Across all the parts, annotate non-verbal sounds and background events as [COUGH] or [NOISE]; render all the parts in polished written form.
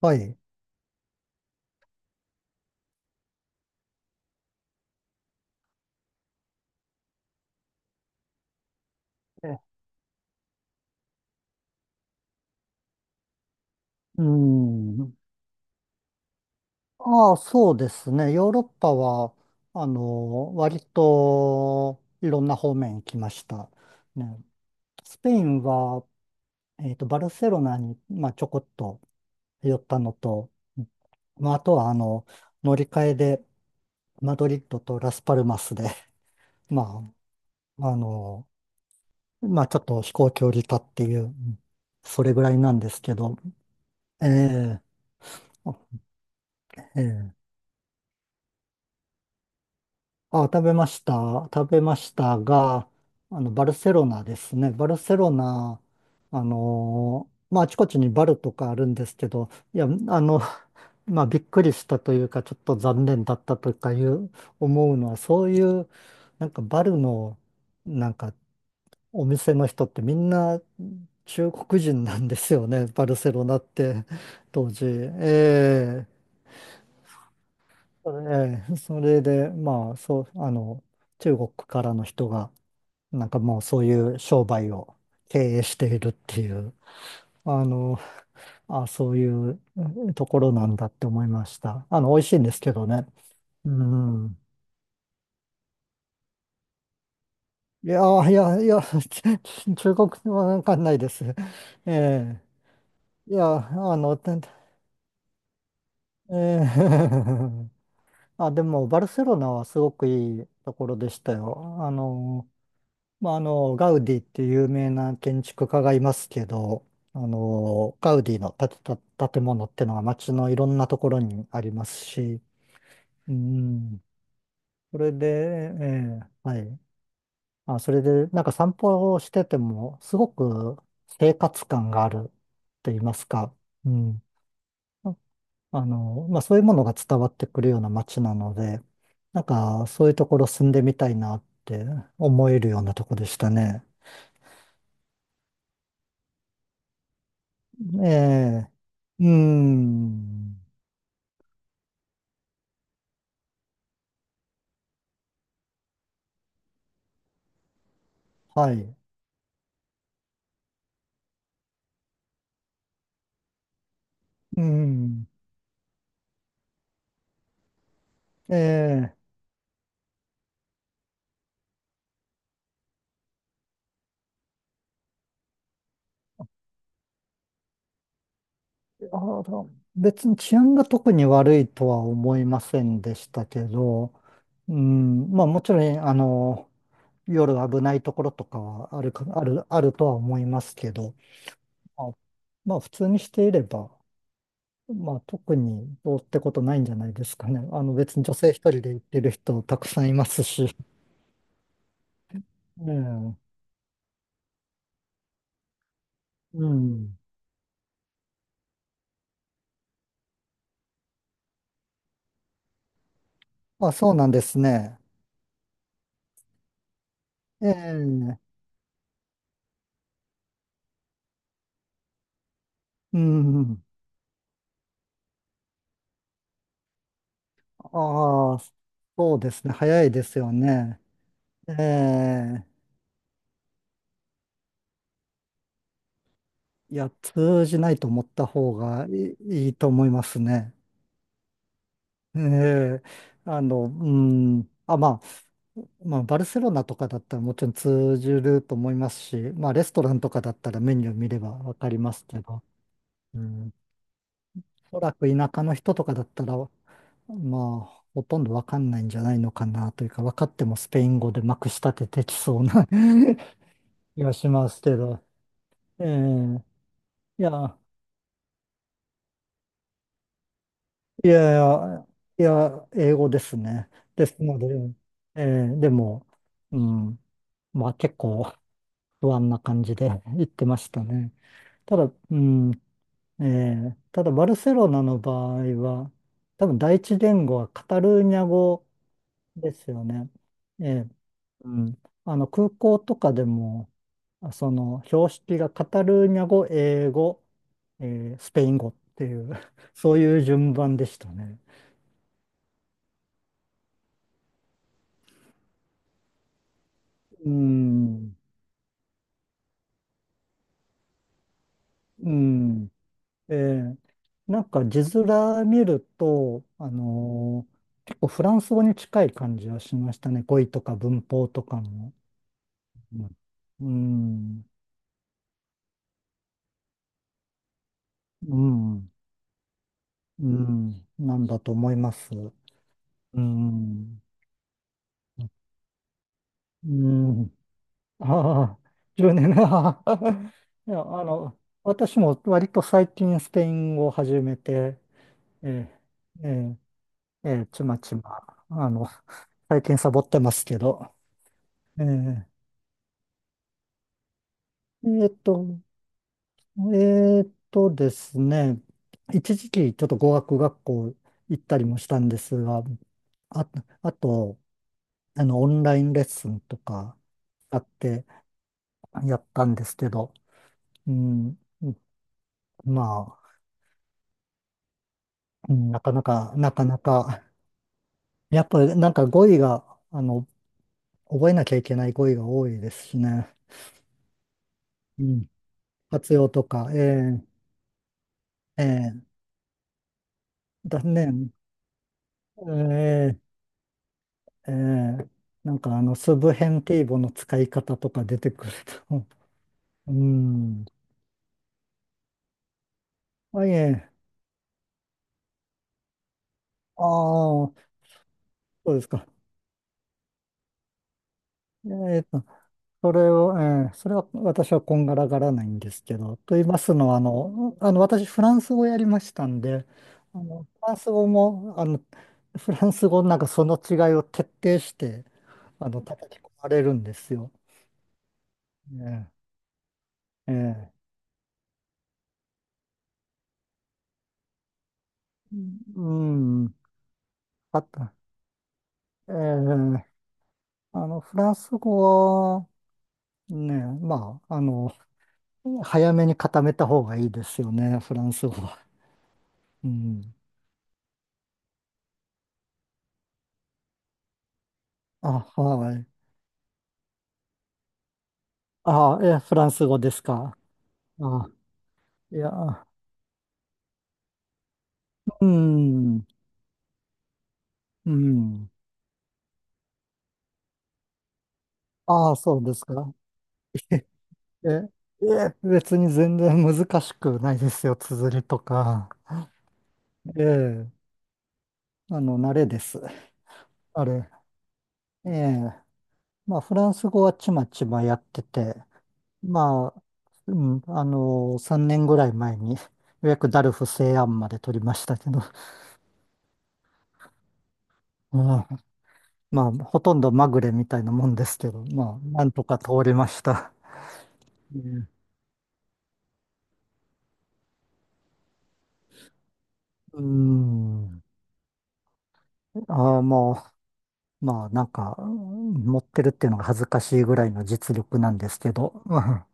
はい。えうん。ああ、そうですね。ヨーロッパは、割といろんな方面行きました。ね、スペインは、バルセロナに、まあ、ちょこっと寄ったのと、まあ、あとは、乗り換えで、マドリッドとラスパルマスで、[LAUGHS] まあ、まあ、ちょっと飛行距離だっていう、それぐらいなんですけど、ええええ、あ、食べました。食べましたが、バルセロナですね。バルセロナ、まあ、あちこちにバルとかあるんですけど、いや、[LAUGHS] まあ、びっくりしたというか、ちょっと残念だったとかいう、思うのは、そういう、なんかバルの、なんか、お店の人ってみんな中国人なんですよね。バルセロナって、当時。ええ。それで、まあ、そう、中国からの人が、なんかもうそういう商売を経営しているっていう、あの、あ、そういうところなんだって思いました。あの、美味しいんですけどね。うん。いやー、いや、いや、[LAUGHS] ち中国語はわかんないです。ええいや、あの、ええ [LAUGHS] あ、でも、バルセロナはすごくいいところでしたよ。あの、まあ、あの、ガウディっていう有名な建築家がいますけど、あの、ガウディの建てた建物ってのが街のいろんなところにありますし、うん、それで、ええはい。あ、それで、なんか散歩をしてても、すごく生活感があるって言いますか、うん。ああの、まあ、そういうものが伝わってくるような街なので、なんか、そういうところ住んでみたいなって思えるようなとこでしたね。ええ、うん、はい、うん、ええ、あの別に治安が特に悪いとは思いませんでしたけど、うん、まあもちろん、夜危ないところとかはあるか、ある、あるとは思いますけど、まあ、まあ普通にしていれば、まあ特にどうってことないんじゃないですかね。あの別に女性一人で行ってる人たくさんいますし。ええ、うん。まあ、そうなんですね。ええ、うん。ああ、そうですね。早いですよね。ええ、いや、通じないと思った方がいいと思いますね。ええ、うん。あ、まあ、まあ、バルセロナとかだったらもちろん通じると思いますし、まあ、レストランとかだったらメニュー見ればわかりますけど。うん。おそらく田舎の人とかだったら、まあ、ほとんどわかんないんじゃないのかなというか、分かってもスペイン語でまくし立ててきそうな [LAUGHS] 気がしますけど、ええ。いや、いやいや、いや、英語ですね。ですので、ええでも、うん、まあ結構不安な感じで [LAUGHS] 言ってましたね。ただ、うん、ええただバルセロナの場合は、多分第一言語はカタルーニャ語ですよね。ええ、うん。あの、空港とかでも、その、標識がカタルーニャ語、英語、スペイン語っていう [LAUGHS] そういう順番でしたね。うん。うん。ええ、なんか字面見ると、結構フランス語に近い感じはしましたね。語彙とか文法とかも。うん。うん。うん。うんなんだと思います。うん。うん。ああ、年。[LAUGHS] ああいや、私も割と最近スペイン語を始めて、ええ、ええ、ええちまちま、最近サボってますけど、ええ、えっと、えっとですね、一時期ちょっと語学学校行ったりもしたんですが、あ、あと、オンラインレッスンとかあってやったんですけど、うん、まあ、うん、なかなか、やっぱりなんか語彙が、覚えなきゃいけない語彙が多いですしね。うん。活用とか、ええええだね、ええええなんかあの、スブヘンティーボの使い方とか出てくると。[LAUGHS] うん。はい、ええああ、そうですか。ええそれを、ええそれは私はこんがらがらないんですけど、と言いますのは、あの、あの私、フランス語やりましたんで、フランス語も、フランス語のなんかその違いを徹底して、叩き込まれるんですよ。ねええ、うん、うんあと、ええ、あの、フランス語は、ね、まあ、あの、早めに固めた方がいいですよね、フランス語は。うん。あ、はい。あ、え、フランス語ですか。あ、いや、うん、うん。ああ、そうですか。[LAUGHS] え、え、別に全然難しくないですよ、綴りとか。ええ、慣れです。あれ。ええ、まあ、フランス語はちまちまやってて、まあ、うん、3年ぐらい前に、ようやくダルフ西安まで取りましたけど、[LAUGHS] うん、まあ、ほとんどまぐれみたいなもんですけど、まあ、なんとか通りました。うん。うんああ、もう、まあ、なんか、うん持ってるっていうのが恥ずかしいぐらいの実力なんですけど。[LAUGHS] うん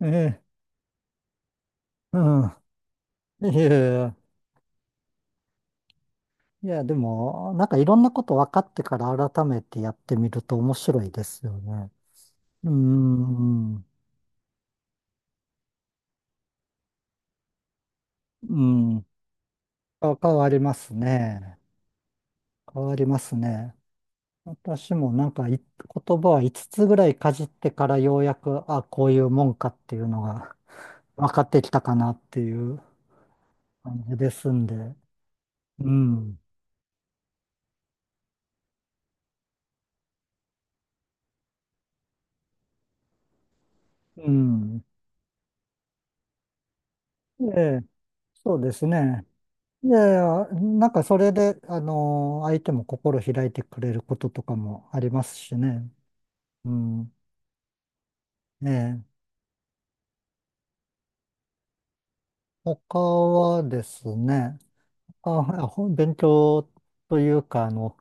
ええ、うん。いやいや、いや、でも、なんかいろんなこと分かってから改めてやってみると面白いですよね。うーん、うん。あ変わりますね。変わりますね。私もなん言葉は5つつぐらいかじってからようやく、あ、こういうもんかっていうのが分かってきたかなっていう感じですんで。うん、うん。ええ、そうですね。いやいや、なんかそれで、相手も心開いてくれることとかもありますしね。うん。ええ、他はですね、あ、勉強というか、あの、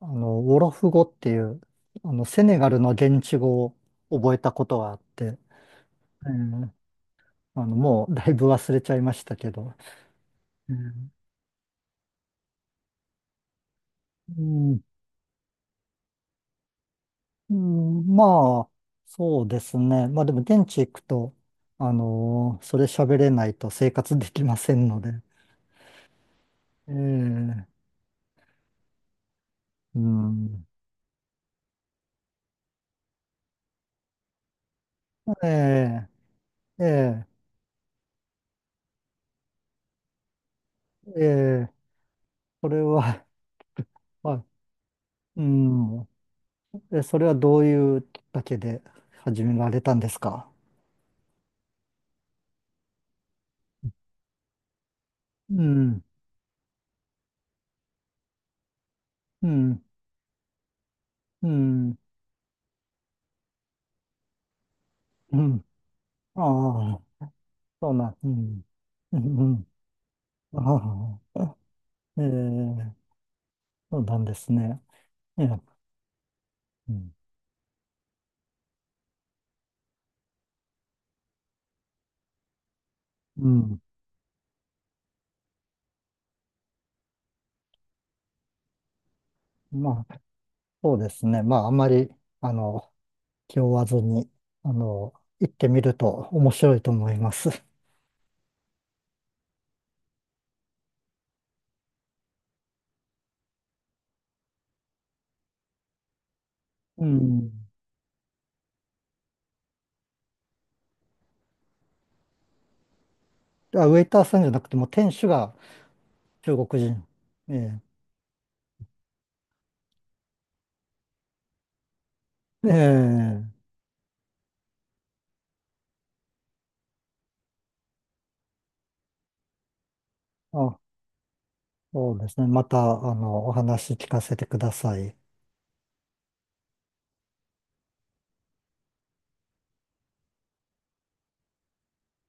あの、ウォロフ語っていう、セネガルの現地語を覚えたことがあって、ええ、もうだいぶ忘れちゃいましたけど、ええうんうん、まあ、そうですね。まあでも現地行くと、それ喋れないと生活できませんので。ええ、[LAUGHS] うん。ええ、ええ、ええ、それは、[LAUGHS] まあ、うん。え、それはどういうきっかけで始められたんですか？うん、うん、うん、うん。ああ、そうなん、うん、うん、うん。ああ、ええ、そうなんですね。ええうんうん。まあ、そうですね。まあ、あまり、あの、気負わずに、あの、行ってみると面白いと思います。うん。あ、ウェイターさんじゃなくても、店主が中国人。ええ。ええ。あ、そうですね。また、お話聞かせてください。